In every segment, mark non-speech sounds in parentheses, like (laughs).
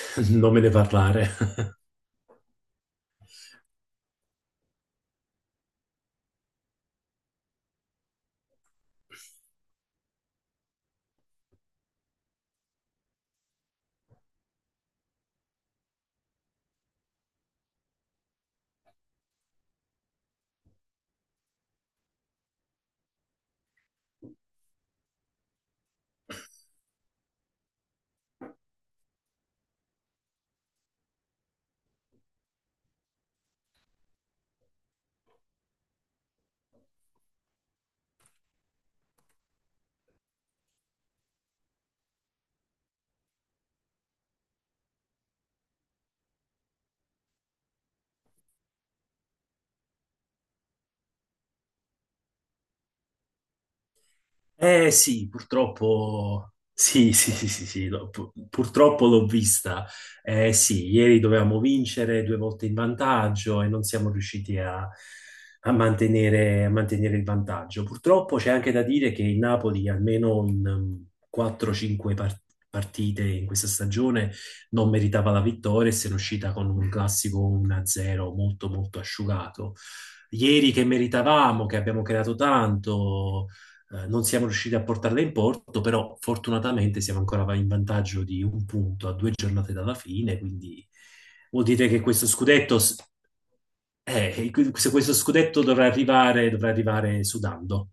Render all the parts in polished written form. (laughs) Non me ne parlare. Eh sì, purtroppo, sì, (laughs) sì, sì, sì, sì, no, purtroppo l'ho vista. Eh sì, ieri dovevamo vincere due volte in vantaggio e non siamo riusciti a mantenere il vantaggio. Purtroppo c'è anche da dire che il Napoli, almeno in 4-5 partite in questa stagione, non meritava la vittoria e se ne è uscita con un classico 1-0 molto, molto asciugato. Ieri che meritavamo, che abbiamo creato tanto. Non siamo riusciti a portarla in porto, però fortunatamente siamo ancora in vantaggio di un punto a due giornate dalla fine, quindi vuol dire che questo scudetto, se questo scudetto dovrà arrivare sudando.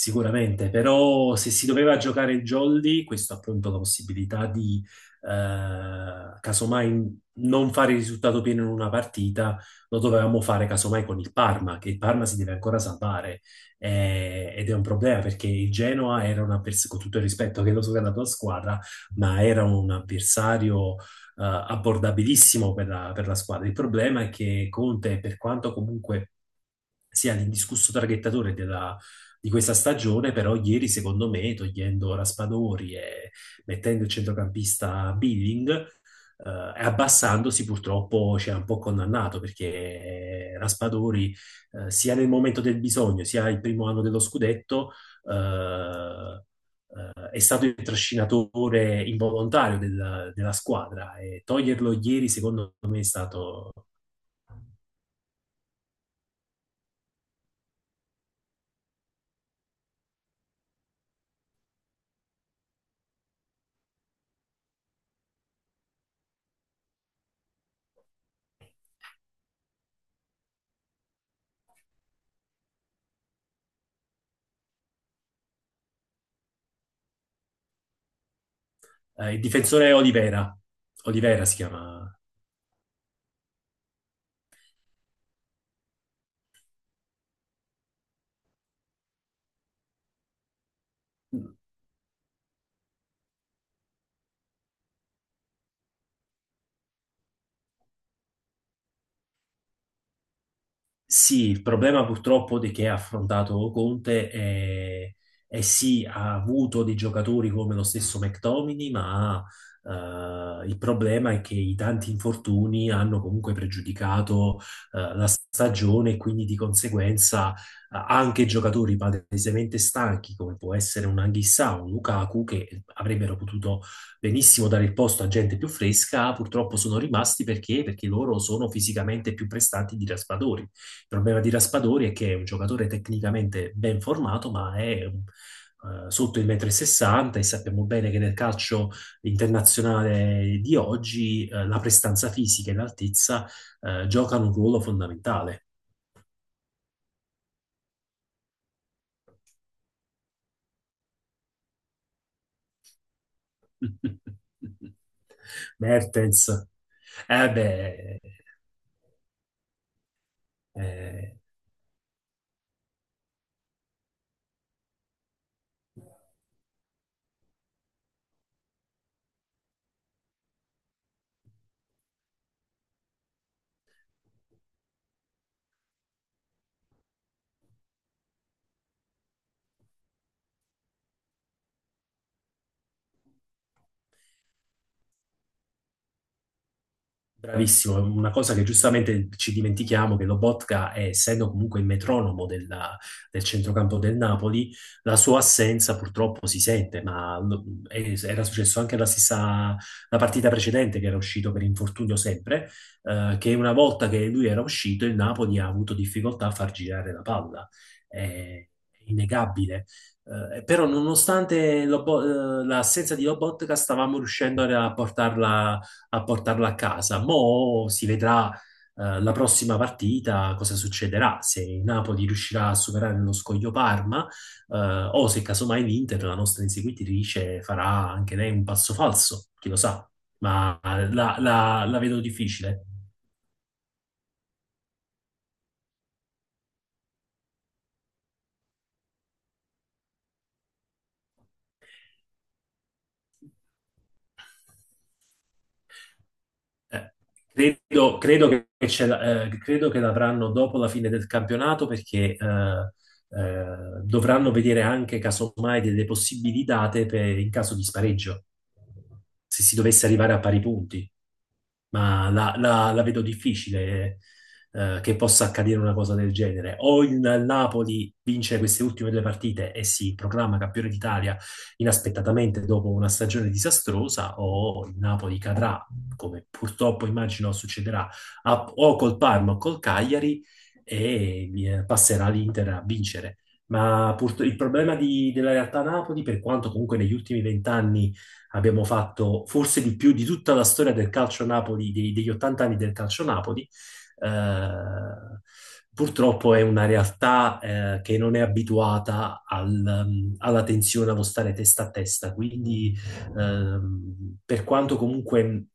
Sicuramente, però se si doveva giocare il jolly, questo appunto la possibilità di casomai non fare il risultato pieno in una partita, lo dovevamo fare casomai con il Parma, che il Parma si deve ancora salvare, ed è un problema perché il Genoa era un avversario, con tutto il rispetto che lo so che è la tua squadra, ma era un avversario abbordabilissimo per la squadra. Il problema è che Conte, per quanto comunque sia l'indiscusso traghettatore della di questa stagione, però ieri secondo me, togliendo Raspadori e mettendo il centrocampista Billing e abbassandosi purtroppo ci ha un po' condannato perché Raspadori, sia nel momento del bisogno, sia il primo anno dello scudetto, eh, è stato il trascinatore involontario della squadra, e toglierlo ieri secondo me è stato il difensore Olivera, Olivera si chiama. Sì, il problema purtroppo di che ha affrontato Conte è sì, ha avuto dei giocatori come lo stesso McTominay, ma il problema è che i tanti infortuni hanno comunque pregiudicato la stagione, e quindi di conseguenza, anche giocatori palesemente stanchi, come può essere un Anghissà o un Lukaku, che avrebbero potuto benissimo dare il posto a gente più fresca, purtroppo sono rimasti perché, loro sono fisicamente più prestanti di Raspadori. Il problema di Raspadori è che è un giocatore tecnicamente ben formato, ma è, sotto il 1,60 m, e sappiamo bene che nel calcio internazionale di oggi, la prestanza fisica e l'altezza giocano un ruolo fondamentale. (laughs) Mertens, eh beh, eh, bravissimo, è una cosa che giustamente ci dimentichiamo che Lobotka, essendo comunque il metronomo del centrocampo del Napoli, la sua assenza purtroppo si sente, ma era successo anche la partita precedente che era uscito per infortunio sempre, che una volta che lui era uscito il Napoli ha avuto difficoltà a far girare la palla, è innegabile. Però nonostante l'assenza di Lobotka stavamo riuscendo a portarlo a casa. Mo' si vedrà, la prossima partita cosa succederà, se il Napoli riuscirà a superare lo scoglio Parma, eh, o se casomai l'Inter, la nostra inseguitrice, farà anche lei un passo falso, chi lo sa, ma la vedo difficile. Eh, credo credo che l'avranno dopo la fine del campionato perché dovranno vedere anche casomai delle possibili date in caso di spareggio, se si dovesse arrivare a pari punti. Ma la vedo difficile, che possa accadere una cosa del genere. O il Napoli vince queste ultime due partite e si proclama campione d'Italia inaspettatamente dopo una stagione disastrosa, o il Napoli cadrà, come purtroppo immagino succederà, a- o col Parma o col Cagliari, e passerà l'Inter a vincere. Ma il problema della realtà Napoli, per quanto comunque negli ultimi vent'anni abbiamo fatto forse di più di tutta la storia del calcio Napoli, degli 80 anni del calcio Napoli. Eh, Purtroppo è una realtà, che non è abituata alla tensione, allo stare testa a testa. Quindi, ehm, per quanto comunque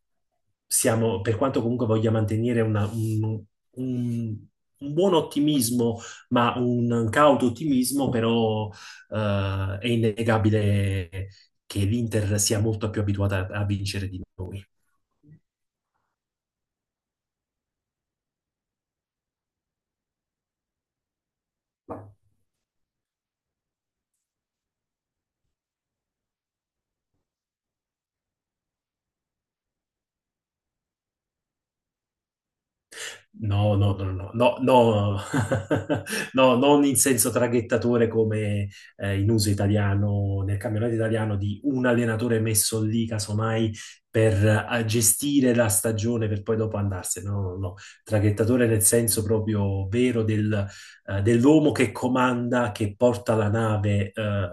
per quanto comunque voglia mantenere un- un buon ottimismo, ma un cauto ottimismo, però è innegabile che l'Inter sia molto più abituata a vincere di noi. No, no, no, no, no, no, (laughs) no, non in senso traghettatore come in uso italiano, nel campionato italiano, di un allenatore messo lì, casomai, per gestire la stagione per poi dopo andarsene. No, no, no, traghettatore nel senso proprio vero dell'uomo che comanda, che porta la nave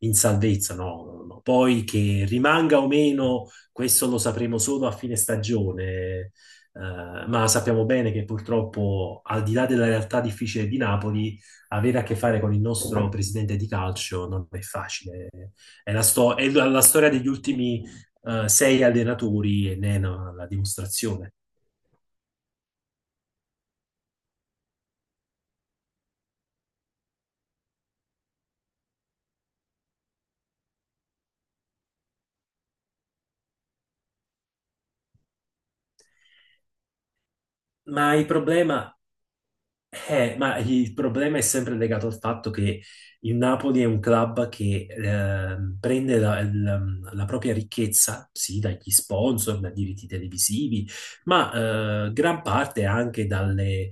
in salvezza. No, no, no. Poi che rimanga o meno, questo lo sapremo solo a fine stagione, ma sappiamo bene che purtroppo, al di là della realtà difficile di Napoli, avere a che fare con il nostro presidente di calcio non è facile. È la, sto- è la- la storia degli ultimi, sei allenatori e ne è la dimostrazione. Ma il problema ma il problema è sempre legato al fatto che il Napoli è un club che, prende la propria ricchezza, sì, dagli sponsor, da diritti televisivi, ma gran parte anche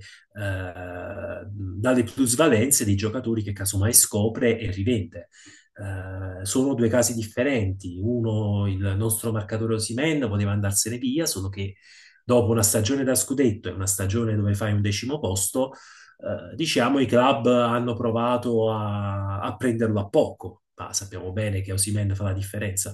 dalle plusvalenze dei giocatori che casomai scopre e rivende. Sono due casi differenti. Uno, il nostro marcatore Osimhen poteva andarsene via, solo che dopo una stagione da scudetto e una stagione dove fai un decimo posto, diciamo i club hanno provato a prenderlo a poco, ma sappiamo bene che Osimhen fa la differenza.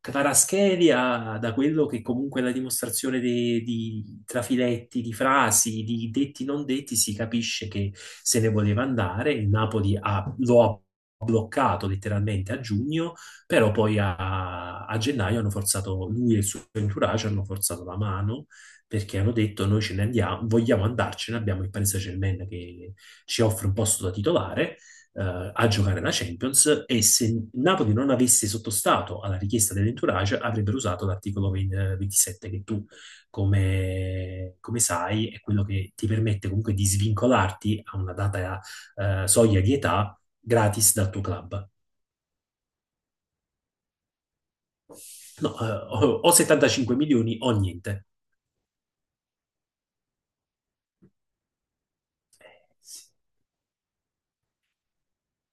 Kvaratskhelia, da quello che comunque è la dimostrazione di trafiletti, di frasi, di detti non detti, si capisce che se ne voleva andare. Il Napoli lo ha bloccato letteralmente a giugno, però poi a gennaio hanno forzato, lui e il suo entourage hanno forzato la mano, perché hanno detto noi ce ne andiamo, vogliamo andarcene, abbiamo il Paris Saint-Germain che ci offre un posto da titolare, a giocare la Champions, e se Napoli non avesse sottostato alla richiesta dell'entourage avrebbero usato l'articolo 20 27 che tu come sai è quello che ti permette comunque di svincolarti a una data, soglia di età gratis dal tuo club. No, o 75 milioni o niente. Sì.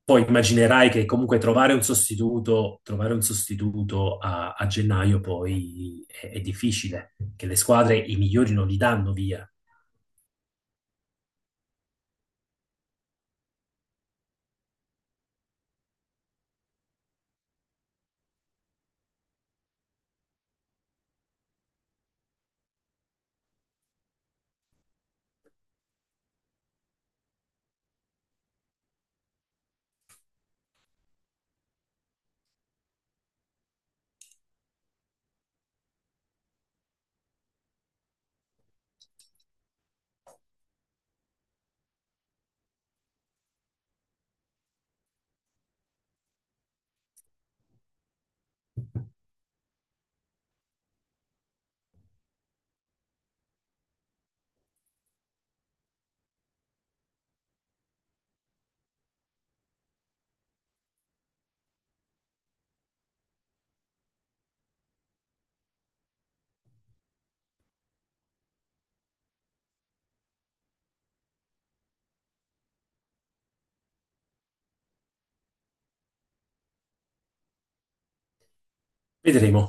Poi immaginerai che comunque trovare un sostituto a gennaio poi è difficile, che le squadre i migliori non li danno via. Vedremo.